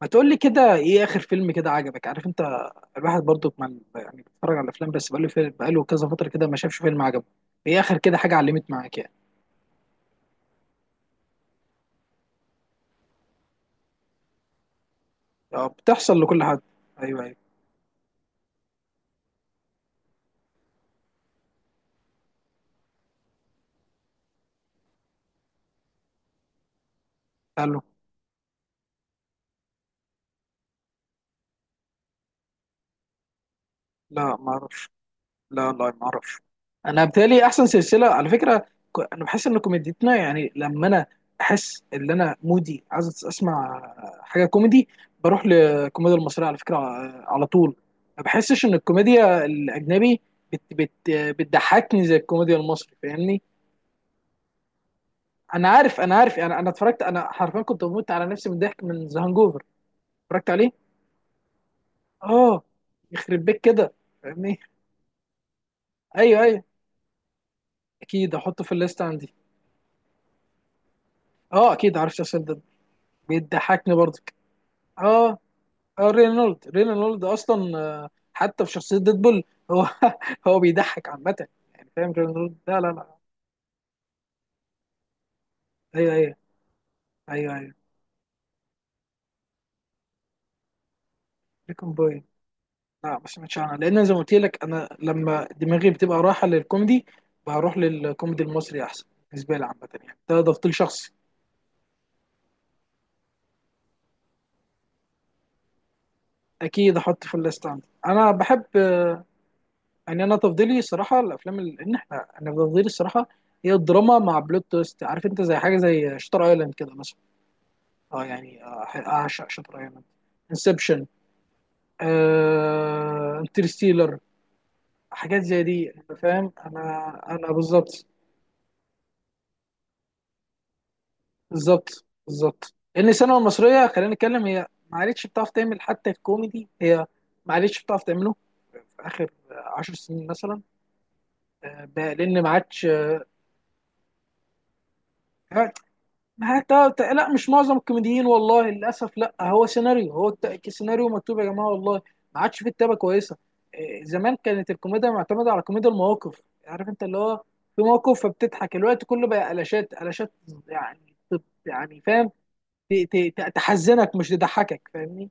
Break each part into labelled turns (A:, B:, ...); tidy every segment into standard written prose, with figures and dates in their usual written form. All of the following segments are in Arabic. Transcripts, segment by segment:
A: ما تقول لي كده، ايه اخر فيلم كده عجبك؟ عارف انت الواحد برضو ما يعني بيتفرج على الافلام، بس بقاله فيلم، بقاله كذا فتره كده ما شافش فيلم عجبه. ايه اخر كده حاجه علمت معاك يعني؟ بتحصل لكل حد. ايوه ايوه. قال له. لا ما اعرفش. لا ما اعرف. انا بالتالي احسن سلسله على فكره. انا بحس ان كوميديتنا، يعني لما انا احس ان انا مودي عايز اسمع حاجه كوميدي، بروح للكوميديا المصريه على فكره، على طول. ما بحسش ان الكوميديا الاجنبي بت بت بتضحكني زي الكوميديا المصري، فاهمني؟ انا عارف، انا عارف، انا اتفرجت، انا حرفيا كنت بموت على نفسي من الضحك من ذا هانجوفر. اتفرجت عليه. اه. يخرب بيك كده. فاهمني. ايوه ايوه. اكيد احطه في الليست عندي. اه اكيد، عارف شخصيا. بيضحكني برضك. اه. اه رينولد، رينولد اصلا حتى في شخصيه ديدبول. هو هو بيضحك عامه، يعني فاهم رينولد. لا لا لا. ايوه ايوه ايوه ايوه. بريكون بوي. لا ما سمعتش عنها، لان زي ما قلت لك انا لما دماغي بتبقى رايحه للكوميدي بروح للكوميدي المصري احسن، بالنسبه لي عامه. يعني ده تفضيل شخصي. اكيد احط في الليست عندي، انا بحب يعني انا تفضيلي صراحه الافلام ال- ان احنا انا تفضيلي الصراحه هي الدراما مع بلوت تويست، عارف انت زي حاجه زي شطر ايلاند كده مثلا. اه يعني اعشق شاتر ايلاند، انسبشن، انترستيلر. حاجات زي دي انت فاهم، انا انا بالظبط. بالظبط بالظبط، لان السينما المصريه خلينا نتكلم هي ما عادتش بتعرف تعمل حتى الكوميدي، هي ما عادتش بتعرف تعمله في اخر عشر سنين مثلا، لان ما عادش. ما هي لا مش معظم الكوميديين، والله للاسف، لا هو سيناريو، هو سيناريو مكتوب يا جماعه والله، ما عادش في كتابه كويسه. إيه، زمان كانت الكوميديا معتمده على كوميديا المواقف، عارف انت، اللي هو في موقف فبتضحك الوقت كله، بقى قلاشات قلاشات يعني يعني فاهم، تحزنك مش تضحكك، فاهمني؟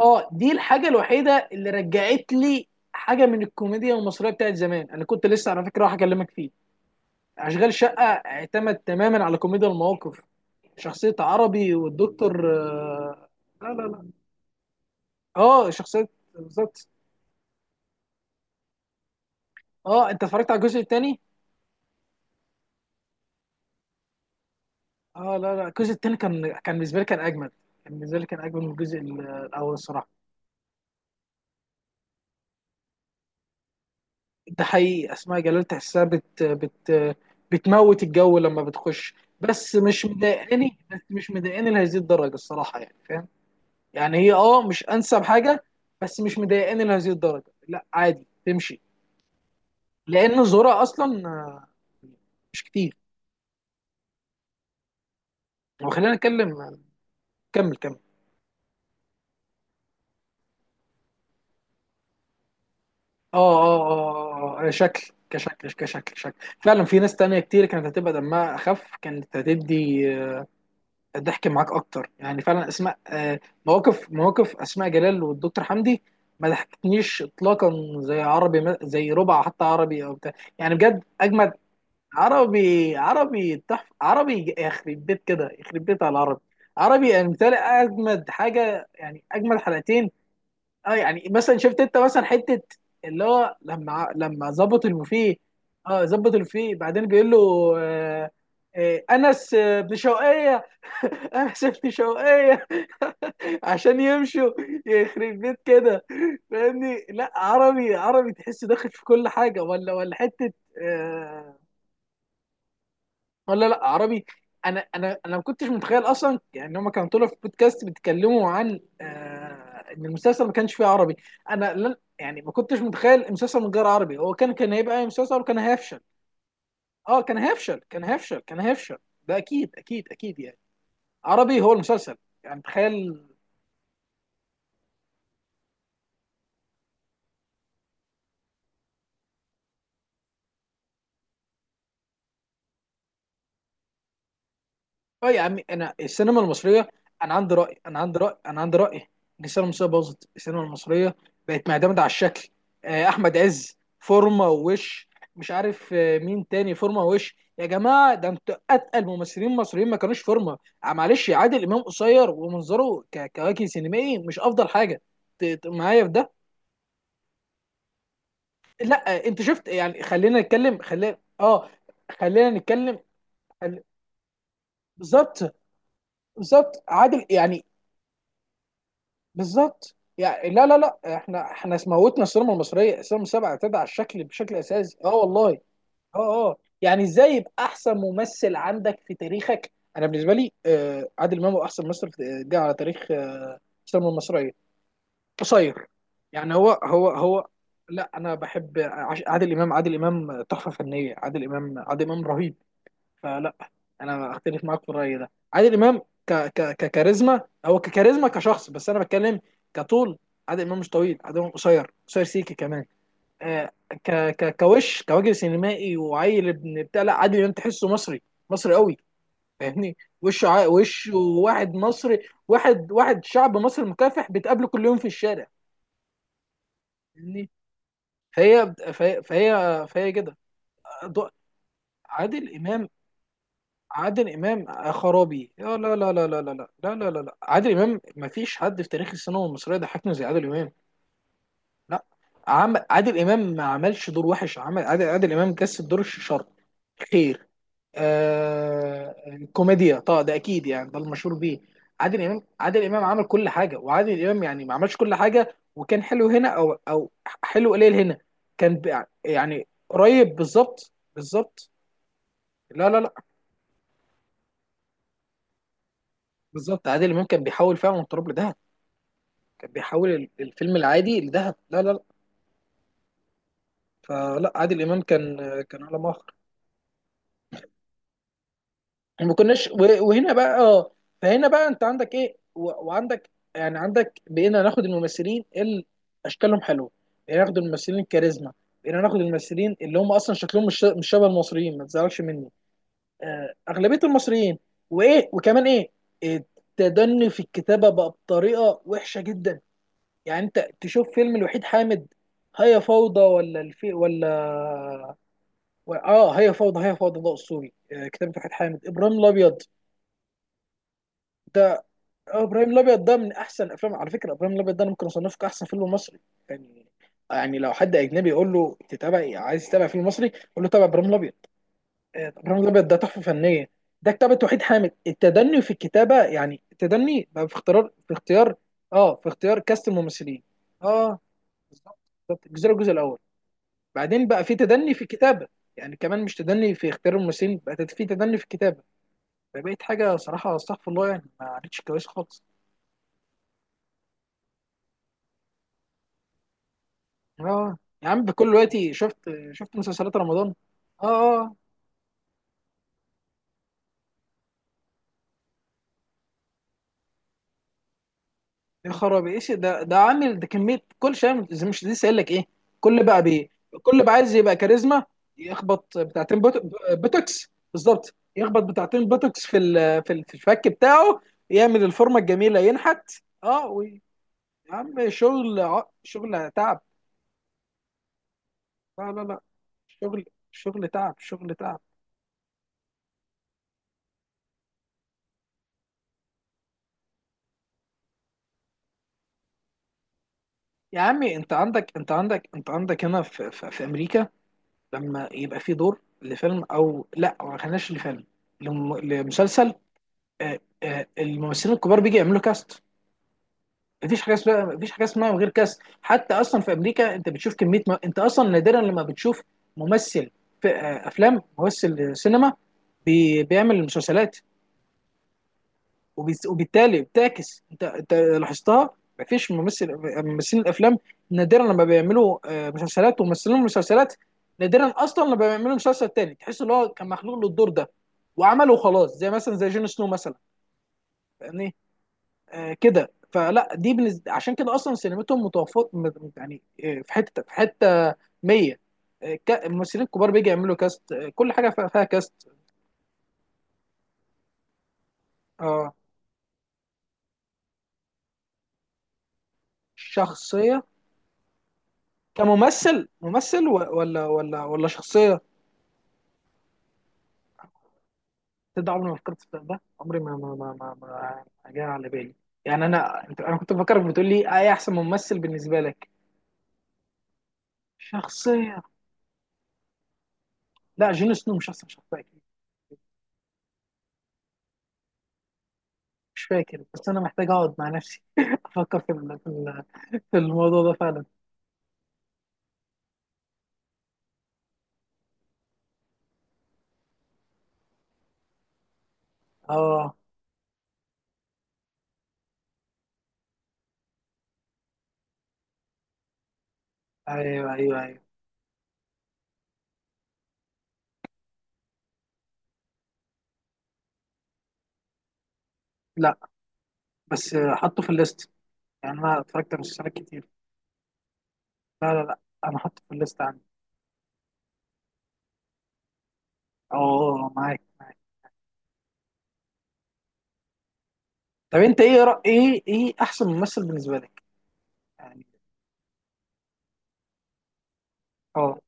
A: اه دي الحاجه الوحيده اللي رجعت لي حاجه من الكوميديا المصريه بتاعت زمان، انا كنت لسه على فكره راح اكلمك فيه. اشغال شقه اعتمد تماما على كوميديا المواقف، شخصية عربي والدكتور. لا لا لا. اه شخصية. بالظبط. اه، انت اتفرجت على الجزء الثاني؟ اه لا لا، الجزء الثاني كان، كان بالنسبة لي كان اجمد، كان بالنسبة لي كان اجمد من الجزء الاول الصراحة. ده حقيقي، اسماء جلال تحسها بت بت بتموت الجو لما بتخش. بس مش مضايقاني، بس مش مضايقاني لهذه الدرجة الصراحة يعني، فاهم؟ يعني هي اه مش انسب حاجة، بس مش مضايقاني لهذه الدرجة، لا عادي تمشي. لان زورا اصلا مش كتير. طب خلينا نتكلم. كمل كمل. اه اه اه شكل، كشكل كشكل شكل فعلا. في ناس تانية كتير كانت هتبقى دمها اخف، كانت هتدي ضحك معاك اكتر، يعني فعلا اسماء مواقف، مواقف اسماء جلال والدكتور حمدي ما ضحكتنيش اطلاقا زي عربي، زي ربع حتى عربي او بتاع، يعني بجد اجمد. عربي، عربي تحف، عربي يخرب بيت كده، يخرب بيت على العربي. عربي يعني بالتالي اجمد حاجه، يعني اجمد حلقتين. اه يعني مثلا شفت انت مثلا حته اللي هو لما ظبط البوفيه. اه ظبط البوفيه بعدين بيقول له آه، آه انس، ابن شوقيه. انس ابن شوقيه عشان يمشوا. يخرب بيت كده، فاهمني؟ لا عربي، عربي تحس داخل في كل حاجه، ولا حته آه، ولا لا عربي. انا ما كنتش متخيل اصلا، يعني هم كانوا طلعوا في بودكاست بيتكلموا عن آه ان المسلسل ما كانش فيه عربي. انا لن يعني ما كنتش متخيل المسلسل من غير عربي، هو كان، كان هيبقى أي مسلسل وكان هيفشل. اه كان هيفشل، كان هيفشل، كان هيفشل، ده اكيد اكيد اكيد. يعني عربي هو المسلسل، يعني تخيل. اه يا عمي انا السينما المصريه، انا عندي راي، انا عندي راي، انا عندي راي ان السينما المصريه باظت، السينما المصريه بقت معتمده على الشكل. احمد عز فورمه ووش، مش عارف مين تاني فورمه ووش. يا جماعه ده انتوا اتقل ممثلين مصريين ما كانوش فورمه. معلش عادل امام قصير ومنظره كوجه سينمائي مش افضل حاجه، معايا في ده. لا انت شفت، يعني خلينا نتكلم، خلينا اه خلينا نتكلم. خل- بالظبط بالظبط، عادل يعني. بالظبط، يعني لا لا لا، احنا موتنا السينما المصريه، السينما المصريه اعتمد على الشكل بشكل اساسي اه والله. اه اه، يعني ازاي يبقى احسن ممثل عندك في تاريخك؟ انا بالنسبه لي آه عادل امام هو احسن ممثل في- جه على تاريخ آه السينما المصريه. قصير، يعني هو هو هو. لا انا بحب عادل امام، عادل امام تحفه فنيه، عادل امام، عادل امام رهيب. فلا انا اختلف معاك في الراي ده. عادل امام ك ك ككاريزما، هو ككاريزما كشخص، بس انا بتكلم كطول. عادل امام مش طويل، عادل امام قصير، قصير سيكي كمان. آه ك ك كوش، كوجه سينمائي وعيل ابن بتاع، لا عادل امام تحسه مصري، مصري قوي، فاهمني؟ وشه، ع... وشه واحد مصري، واحد واحد شعب مصري مكافح بتقابله كل يوم في الشارع، فاهمني؟ فهي كده. ض- عادل امام، عادل امام خرابي. لا لا لا لا لا لا لا لا لا لا لا. عادل امام ما فيش حد في تاريخ السينما المصريه ضحكنا زي عادل امام. لا عادل امام ما عملش دور وحش، عمل، عادل امام جسد دور الشر، خير، آه... كوميديا طبعا ده اكيد، يعني ده المشهور بيه. عادل امام، عادل امام عمل كل حاجه، وعادل امام يعني ما عملش كل حاجه وكان حلو هنا او او حلو قليل هنا، كان يعني قريب بالظبط بالظبط. لا لا لا، بالظبط عادل امام كان بيحاول فعلا من تراب لدهب، كان بيحول الفيلم العادي لذهب. لا لا لا، فلا عادل امام كان، كان علم اخر. ما كناش وهنا بقى اه، فهنا بقى انت عندك ايه وعندك يعني عندك، بقينا ناخد الممثلين اللي اشكالهم حلوه، بقينا ناخد الممثلين الكاريزما، بقينا ناخد الممثلين اللي هم اصلا شكلهم مش شبه المصريين، ما تزعلش مني، اغلبيه المصريين. وايه وكمان ايه التدني في الكتابه بقى بطريقه وحشه جدا، يعني انت تشوف فيلم الوحيد حامد هيا فوضى، ولا الفي ولا اه هيا فوضى. هيا فوضى ده اسطوري، كتابة وحيد حامد. ابراهيم الابيض ده ابراهيم الابيض ده من احسن افلام على فكره، ابراهيم الابيض ده انا ممكن اصنفه كاحسن فيلم مصري يعني. يعني لو حد اجنبي يقول له تتابع إيه؟ عايز تتابع فيلم مصري قول له تابع ابراهيم الابيض. ابراهيم الابيض ده تحفه فنيه، ده كتابة وحيد حامد. التدني في الكتابه يعني التدني بقى في اختيار، في اختيار، اه في اختيار كاست الممثلين. اه بالظبط، بالظبط الجزيره الجزء الاول، بعدين بقى في تدني في الكتابه، يعني كمان مش تدني في اختيار الممثلين، بقى في تدني في الكتابه، فبقيت حاجه صراحه استغفر الله، يعني ما عادتش كويسه خالص. اه يا عم بكل دلوقتي، شفت، شفت مسلسلات رمضان؟ اه اه آه. يا خرابي، ايش ده؟ ده عامل ده كميه كل شيء زي مش لسه قايل لك ايه، كل بقى بي كل بقى عايز يبقى كاريزما، يخبط بتاعتين بوتوكس. بالظبط، يخبط بتاعتين بوتوكس في الفك بتاعه، يعمل الفورمه الجميله، ينحت. اه يا عم شغل، شغل تعب، لا لا لا، شغل، شغل تعب، شغل تعب. يا عمي انت عندك، انت عندك، انت عندك هنا في امريكا لما يبقى في دور لفيلم، او لا ما خليناش لفيلم، لمسلسل، الممثلين الكبار بيجي يعملوا كاست، مفيش حاجه اسمها، مفيش حاجه اسمها من غير كاست. حتى اصلا في امريكا انت بتشوف كميه انت اصلا نادرا لما بتشوف ممثل في افلام، ممثل سينما بيعمل مسلسلات، وبالتالي بتعكس، انت انت لاحظتها، مفيش ممثل، ممثلين الافلام نادرا لما بيعملوا مسلسلات، وممثلين المسلسلات نادرا اصلا لما بيعملوا مسلسل تاني تحس ان هو كان مخلوق للدور ده وعمله خلاص، زي مثلا زي جون سنو مثلا، فاهمني؟ آه كده، فلا دي بالنسبة عشان كده اصلا سينمتهم متوفر يعني في حته، في حته 100، الممثلين الكبار بيجي يعملوا كاست، كل حاجه فيها، فيها كاست. اه شخصيه، كممثل، ممثل ولا ولا ولا شخصيه؟ تبدأ، عمري ما فكرت في ده، عمري ما جاء على بالي، يعني انا، انت انا كنت بفكرك بتقول لي ايه احسن ممثل بالنسبه لك. شخصيه، لا جون سنو مش احسن شخصيه اكيد. مش فاكر، بس انا محتاج اقعد مع نفسي افكر في في الموضوع ده فعلا. اه ايوه ايوه ايوه. لا بس حطه في الليست، يعني انا اتفرجت على مسلسلات كتير. لا لا لا، انا حاطه في الليست عندي. اه معاك معاك. طب انت ايه ايه ايه احسن ممثل بالنسبه لك يعني؟ اه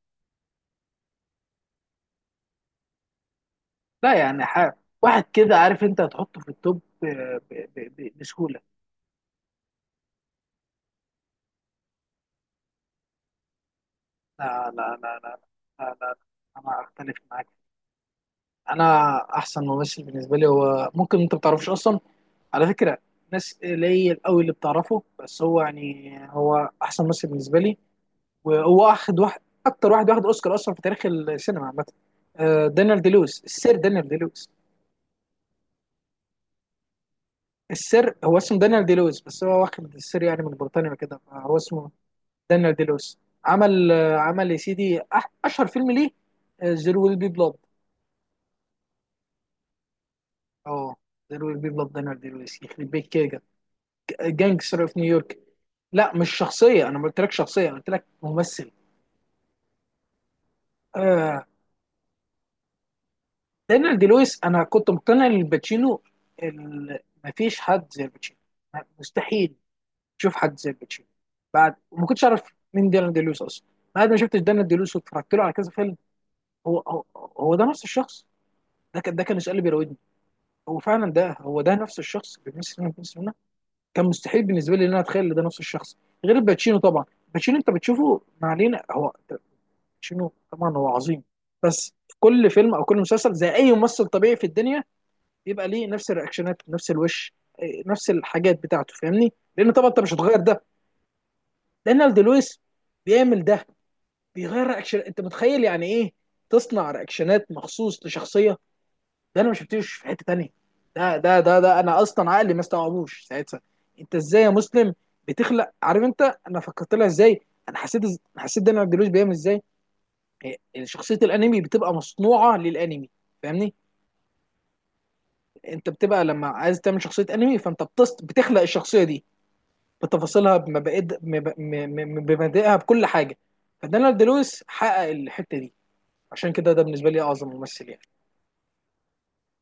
A: لا يعني واحد كده عارف انت هتحطه في التوب بسهولة. لا لا لا لا لا. انا اختلف معاك. انا احسن ممثل بالنسبة لي هو ممكن انت ما تعرفوش اصلا على فكرة، ناس قليل قوي اللي بتعرفه، بس هو يعني هو احسن ممثل بالنسبة لي، وهو واخد واحد، اكتر واحد واخد اوسكار اصلا في تاريخ السينما عامة، دانيال دي لويس، السير دانيال دي لويس. السر هو اسمه دانيال دي لويس، بس هو واخد السر يعني من بريطانيا كده فهو اسمه دانيال دي لويس. عمل يا سيدي اشهر فيلم ليه زيرو ويل بي بلاد. اه زيرو ويل بي بلاد، دانيال دي لويس يخرب بيت كده. جانجستر اوف نيويورك. لا مش شخصيه، انا ما قلتلكش شخصيه، انا قلت لك ممثل. آه دانيال دي لويس، انا كنت مقتنع ان الباتشينو ال- مفيش حد زي الباتشينو، مستحيل تشوف حد زي الباتشينو. بعد، وما كنتش اعرف مين دانيال دي لويس اصلا، بعد ما شفت دانيال دي لويس واتفرجت له على كذا فيلم، هو ده نفس الشخص؟ ده كان، ده كان السؤال اللي بيراودني، هو فعلا ده هو ده نفس الشخص اللي ميسي لما كان سنه؟ كان مستحيل بالنسبه لي ان انا اتخيل ان ده نفس الشخص. غير باتشينو طبعا، باتشينو انت بتشوفه، ما علينا، هو باتشينو طبعا هو عظيم، بس في كل فيلم او كل مسلسل زي اي ممثل طبيعي في الدنيا بيبقى ليه نفس الرياكشنات، نفس الوش، إيه، نفس الحاجات بتاعته، فاهمني؟ لان طبعا انت مش هتغير ده. لان لويس بيعمل ده، بيغير رياكشن، انت متخيل يعني ايه تصنع رياكشنات مخصوص لشخصيه؟ ده انا ما شفتوش في حته تانيه، ده انا اصلا عقلي ما استوعبوش ساعتها. انت ازاي يا مسلم بتخلق، عارف انت انا فكرت لها ازاي؟ انا حسيت، أنا حسيت داني عبد الوهاب بيعمل ازاي. يعني شخصيه الانمي بتبقى مصنوعه للانمي، فاهمني؟ انت بتبقى لما عايز تعمل شخصيه انمي فانت بتخلق الشخصيه دي بتفاصيلها، بمبادئها، بكل حاجه. فداني عبد الوهاب حقق الحته دي، عشان كده ده بالنسبه لي اعظم ممثل يعني.